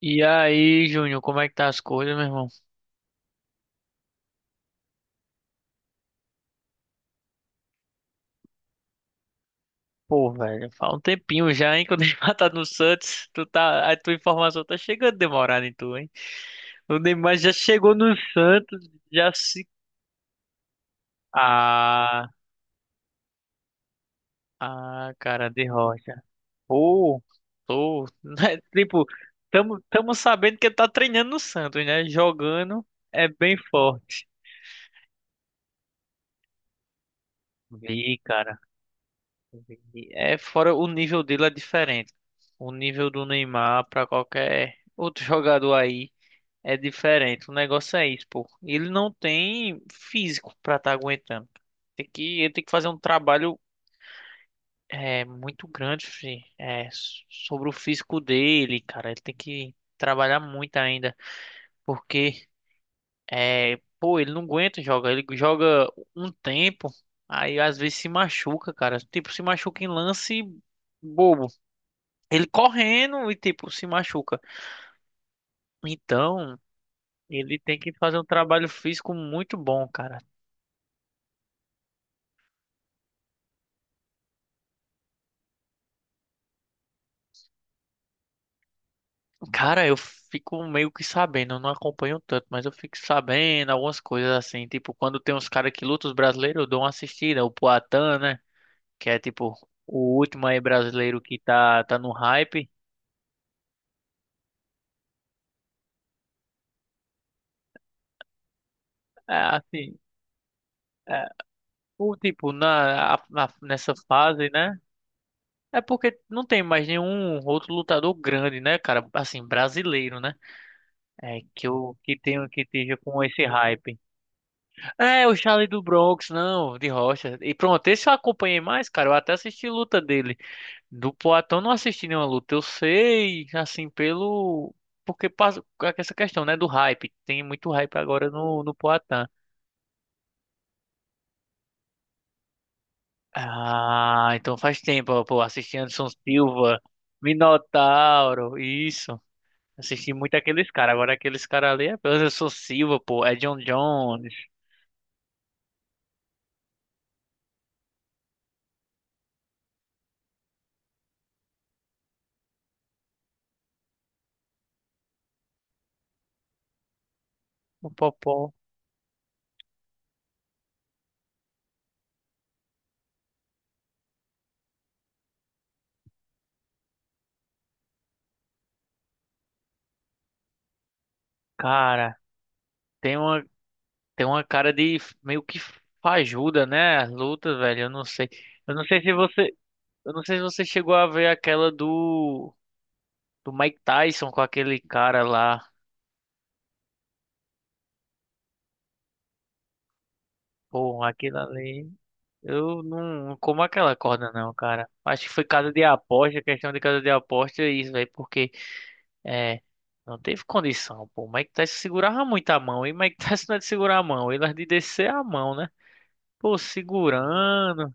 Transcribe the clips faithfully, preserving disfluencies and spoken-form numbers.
E aí, Júnior, como é que tá as coisas, meu irmão? Pô, velho, faz um tempinho já, hein, que eu dei matado no Santos. Tu tá, a tua informação tá chegando demorada em tu, hein? O Neymar já chegou no Santos, já se... Ah, ah, cara de rocha. Pô, tô... né. Tipo, tamo, tamo sabendo que ele tá treinando no Santos, né? Jogando é bem forte. Vi, cara. Entendi. É, fora o nível dele é diferente. O nível do Neymar para qualquer outro jogador aí é diferente. O negócio é isso, pô. Ele não tem físico para estar aguentando. Tem que, ele tem que fazer um trabalho é, muito grande, fi, é, s- sobre o físico dele, cara. Ele tem que trabalhar muito ainda, porque é, pô, ele não aguenta jogar. Ele joga um tempo, aí às vezes se machuca, cara. Tipo, se machuca em lance bobo. Ele correndo e, tipo, se machuca. Então, ele tem que fazer um trabalho físico muito bom, cara. Cara, eu fico meio que sabendo, eu não acompanho tanto, mas eu fico sabendo algumas coisas assim. Tipo, quando tem uns caras que lutam, os brasileiros, eu dou uma assistida. O Poatan, né? Que é, tipo, o último aí brasileiro que tá, tá no hype. É, assim, é, o tipo, na, a- na- nessa fase, né? É porque não tem mais nenhum outro lutador grande, né, cara? Assim, brasileiro, né? É, que eu que tenho que esteja com esse hype. É, o Charlie do Bronx, não, de Rocha. E pronto, esse eu acompanhei mais, cara. Eu até assisti luta dele. Do Poatan eu não assisti nenhuma luta. Eu sei, assim, pelo. Porque passa com essa questão, né? Do hype. Tem muito hype agora no, no Poatan. Ah, então faz tempo, ó, pô. Assisti Anderson Silva, Minotauro, isso. Assisti muito aqueles caras. Agora aqueles caras ali é Anderson Silva, pô. É John Jones, o Popó. Cara. Tem uma, tem uma cara de f- meio que fajuda, né? As lutas, velho. Eu não sei. Eu não sei se você. Eu não sei se você chegou a ver aquela do. Do Mike Tyson com aquele cara lá. Pô, aquilo ali. Eu não, não como aquela corda, não, cara. Acho que foi casa de aposta, questão de casa de aposta, é isso, velho. Porque. É. Não teve condição, pô. O Mike Tyson segurava muito a mão. E o Mike Tyson não é de segurar a mão. Ele é de descer a mão, né? Pô, segurando.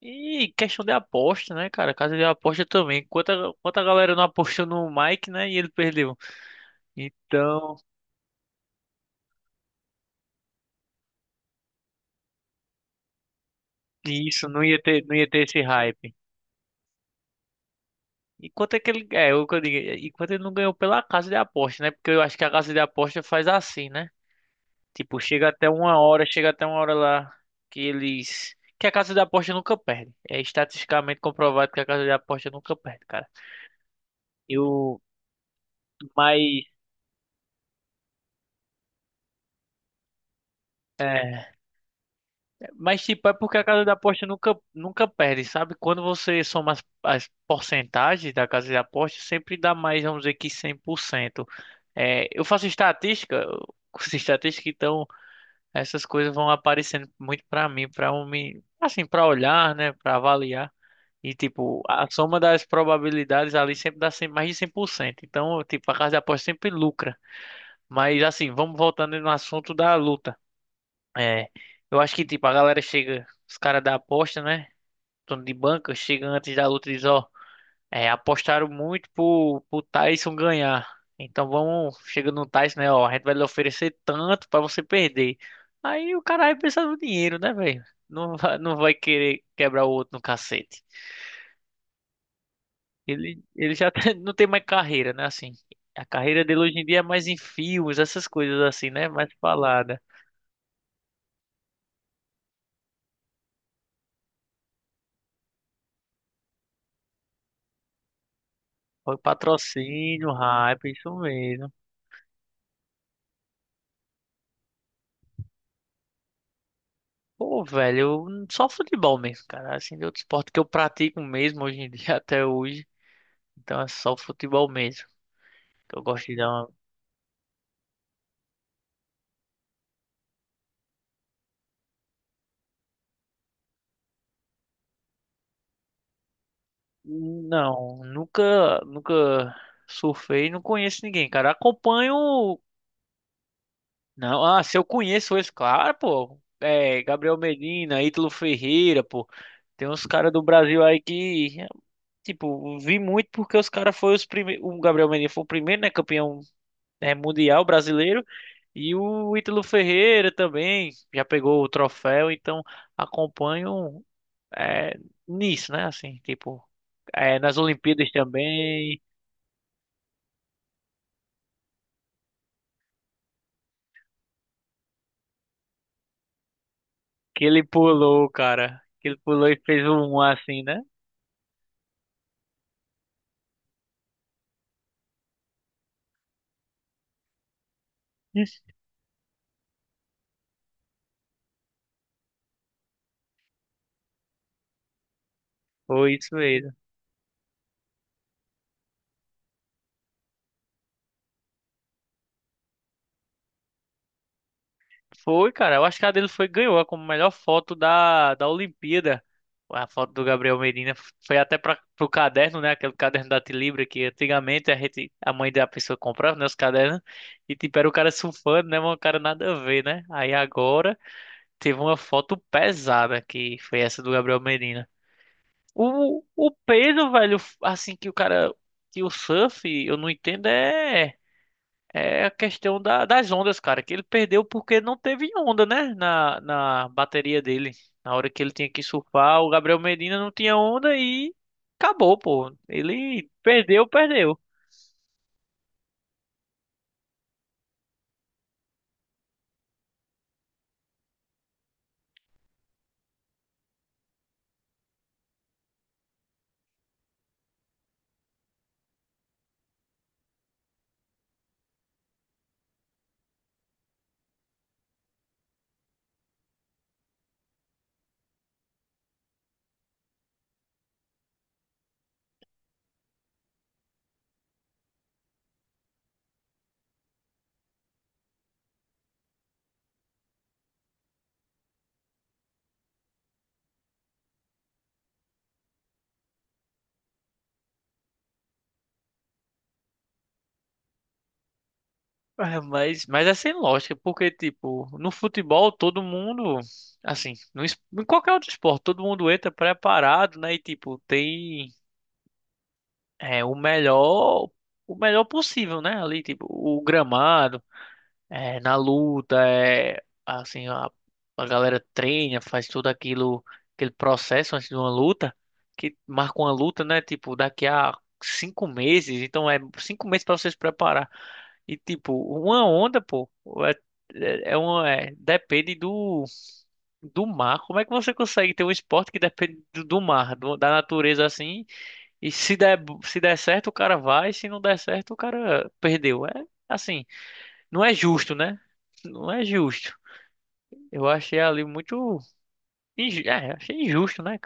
E questão de aposta, né, cara? Casa de aposta também. Quanta, quanta galera não apostou no Mike, né? E ele perdeu. Então, isso não ia ter, não ia ter esse hype. E quanto é que ele, é, o que eu digo, e quanto ele não ganhou pela casa de aposta, né? Porque eu acho que a casa de aposta faz assim, né? Tipo, chega até uma hora, chega até uma hora lá que eles, que a casa de aposta nunca perde. É estatisticamente comprovado que a casa de aposta nunca perde, cara. E o, mas é, Mas, tipo, é porque a casa de aposta nunca, nunca perde, sabe? Quando você soma as, as porcentagens da casa de aposta, sempre dá mais, vamos dizer que cem por cento. É, eu faço estatística, eu curso de estatística, então essas coisas vão aparecendo muito pra mim, pra eu me, assim, pra olhar, né, pra avaliar. E, tipo, a soma das probabilidades ali sempre dá cem, mais de cem por cento. Então, tipo, a casa de aposta sempre lucra. Mas, assim, vamos voltando no assunto da luta. É, eu acho que, tipo, a galera chega, os caras da aposta, né? Dono de banca, chega antes da luta e diz, ó, é, apostaram muito pro, pro Tyson ganhar. Então vamos, chega no Tyson, né, ó, a gente vai lhe oferecer tanto pra você perder. Aí o cara vai pensar no dinheiro, né, velho? Não vai, não vai querer quebrar o outro no cacete. Ele, ele já tá- não tem mais carreira, né, assim. A carreira dele hoje em dia é mais em filmes, essas coisas assim, né? Mais falada. Foi patrocínio, hype, isso mesmo. Pô, velho, eu- n- só futebol mesmo, cara. Assim, de outro esporte que eu pratico mesmo hoje em dia, até hoje. Então é só futebol mesmo. Que eu gosto de dar uma... Não, nunca, nunca surfei, não conheço ninguém, cara. Acompanho. Não, ah, se eu conheço eles, claro, pô. É, Gabriel Medina, Ítalo Ferreira, pô. Tem uns caras do Brasil aí que, tipo, vi muito porque os caras foram os primeiros. O Gabriel Medina foi o primeiro, né? Campeão, é, mundial brasileiro. E o Ítalo Ferreira também já pegou o troféu, então acompanho é, nisso, né? Assim, tipo, é, nas Olimpíadas também, que ele pulou, cara. Que ele pulou e fez um assim, né? Foi isso mesmo. Foi, cara. Eu acho que a dele foi ganhou como melhor foto da, da Olimpíada. A foto do Gabriel Medina foi até para pro caderno, né? Aquele caderno da Tilibra que antigamente a gente, a mãe da pessoa comprava, né, os cadernos e tipo era o cara surfando, né, mas o cara nada a ver, né? Aí agora teve uma foto pesada que foi essa do Gabriel Medina. O, o peso, velho, assim que o cara que o surf, eu não entendo é é a questão da- das ondas, cara, que ele perdeu porque não teve onda, né? Na, na bateria dele. Na hora que ele tinha que surfar, o Gabriel Medina não tinha onda e acabou, pô. Ele perdeu, perdeu. É, Mas, mas é sem lógica, porque, tipo, no futebol todo mundo, assim, no, es- em qualquer outro esporte, todo mundo entra preparado, né? E, tipo, tem é, o melhor, o melhor possível, né? Ali, tipo, o gramado. É, na luta, é, assim, a, a galera treina, faz tudo aquilo, aquele processo antes de uma luta, que marca uma luta, né? Tipo, daqui a cinco meses, então é cinco meses para você se preparar. E tipo, uma onda, pô, é, é é uma, é, depende do, do mar. Como é que você consegue ter um esporte que depende do, do mar, do- da natureza assim? E se der, se der certo, o cara vai, se não der certo, o cara perdeu. É assim. Não é justo, né? Não é justo. Eu achei ali muito. inju- É, achei injusto, né?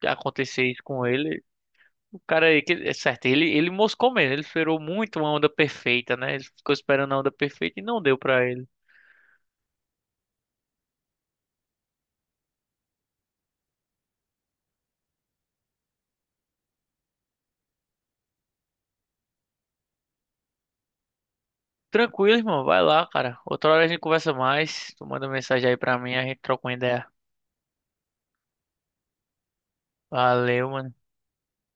Cara, acontecer isso com ele. O cara, aí que- é certo, ele, ele moscou mesmo. Ele esperou muito uma onda perfeita, né? Ele ficou esperando a onda perfeita e não deu pra ele. Tranquilo, irmão. Vai lá, cara. Outra hora a gente conversa mais. Tu manda mensagem aí pra mim, a gente troca uma ideia. Valeu, mano.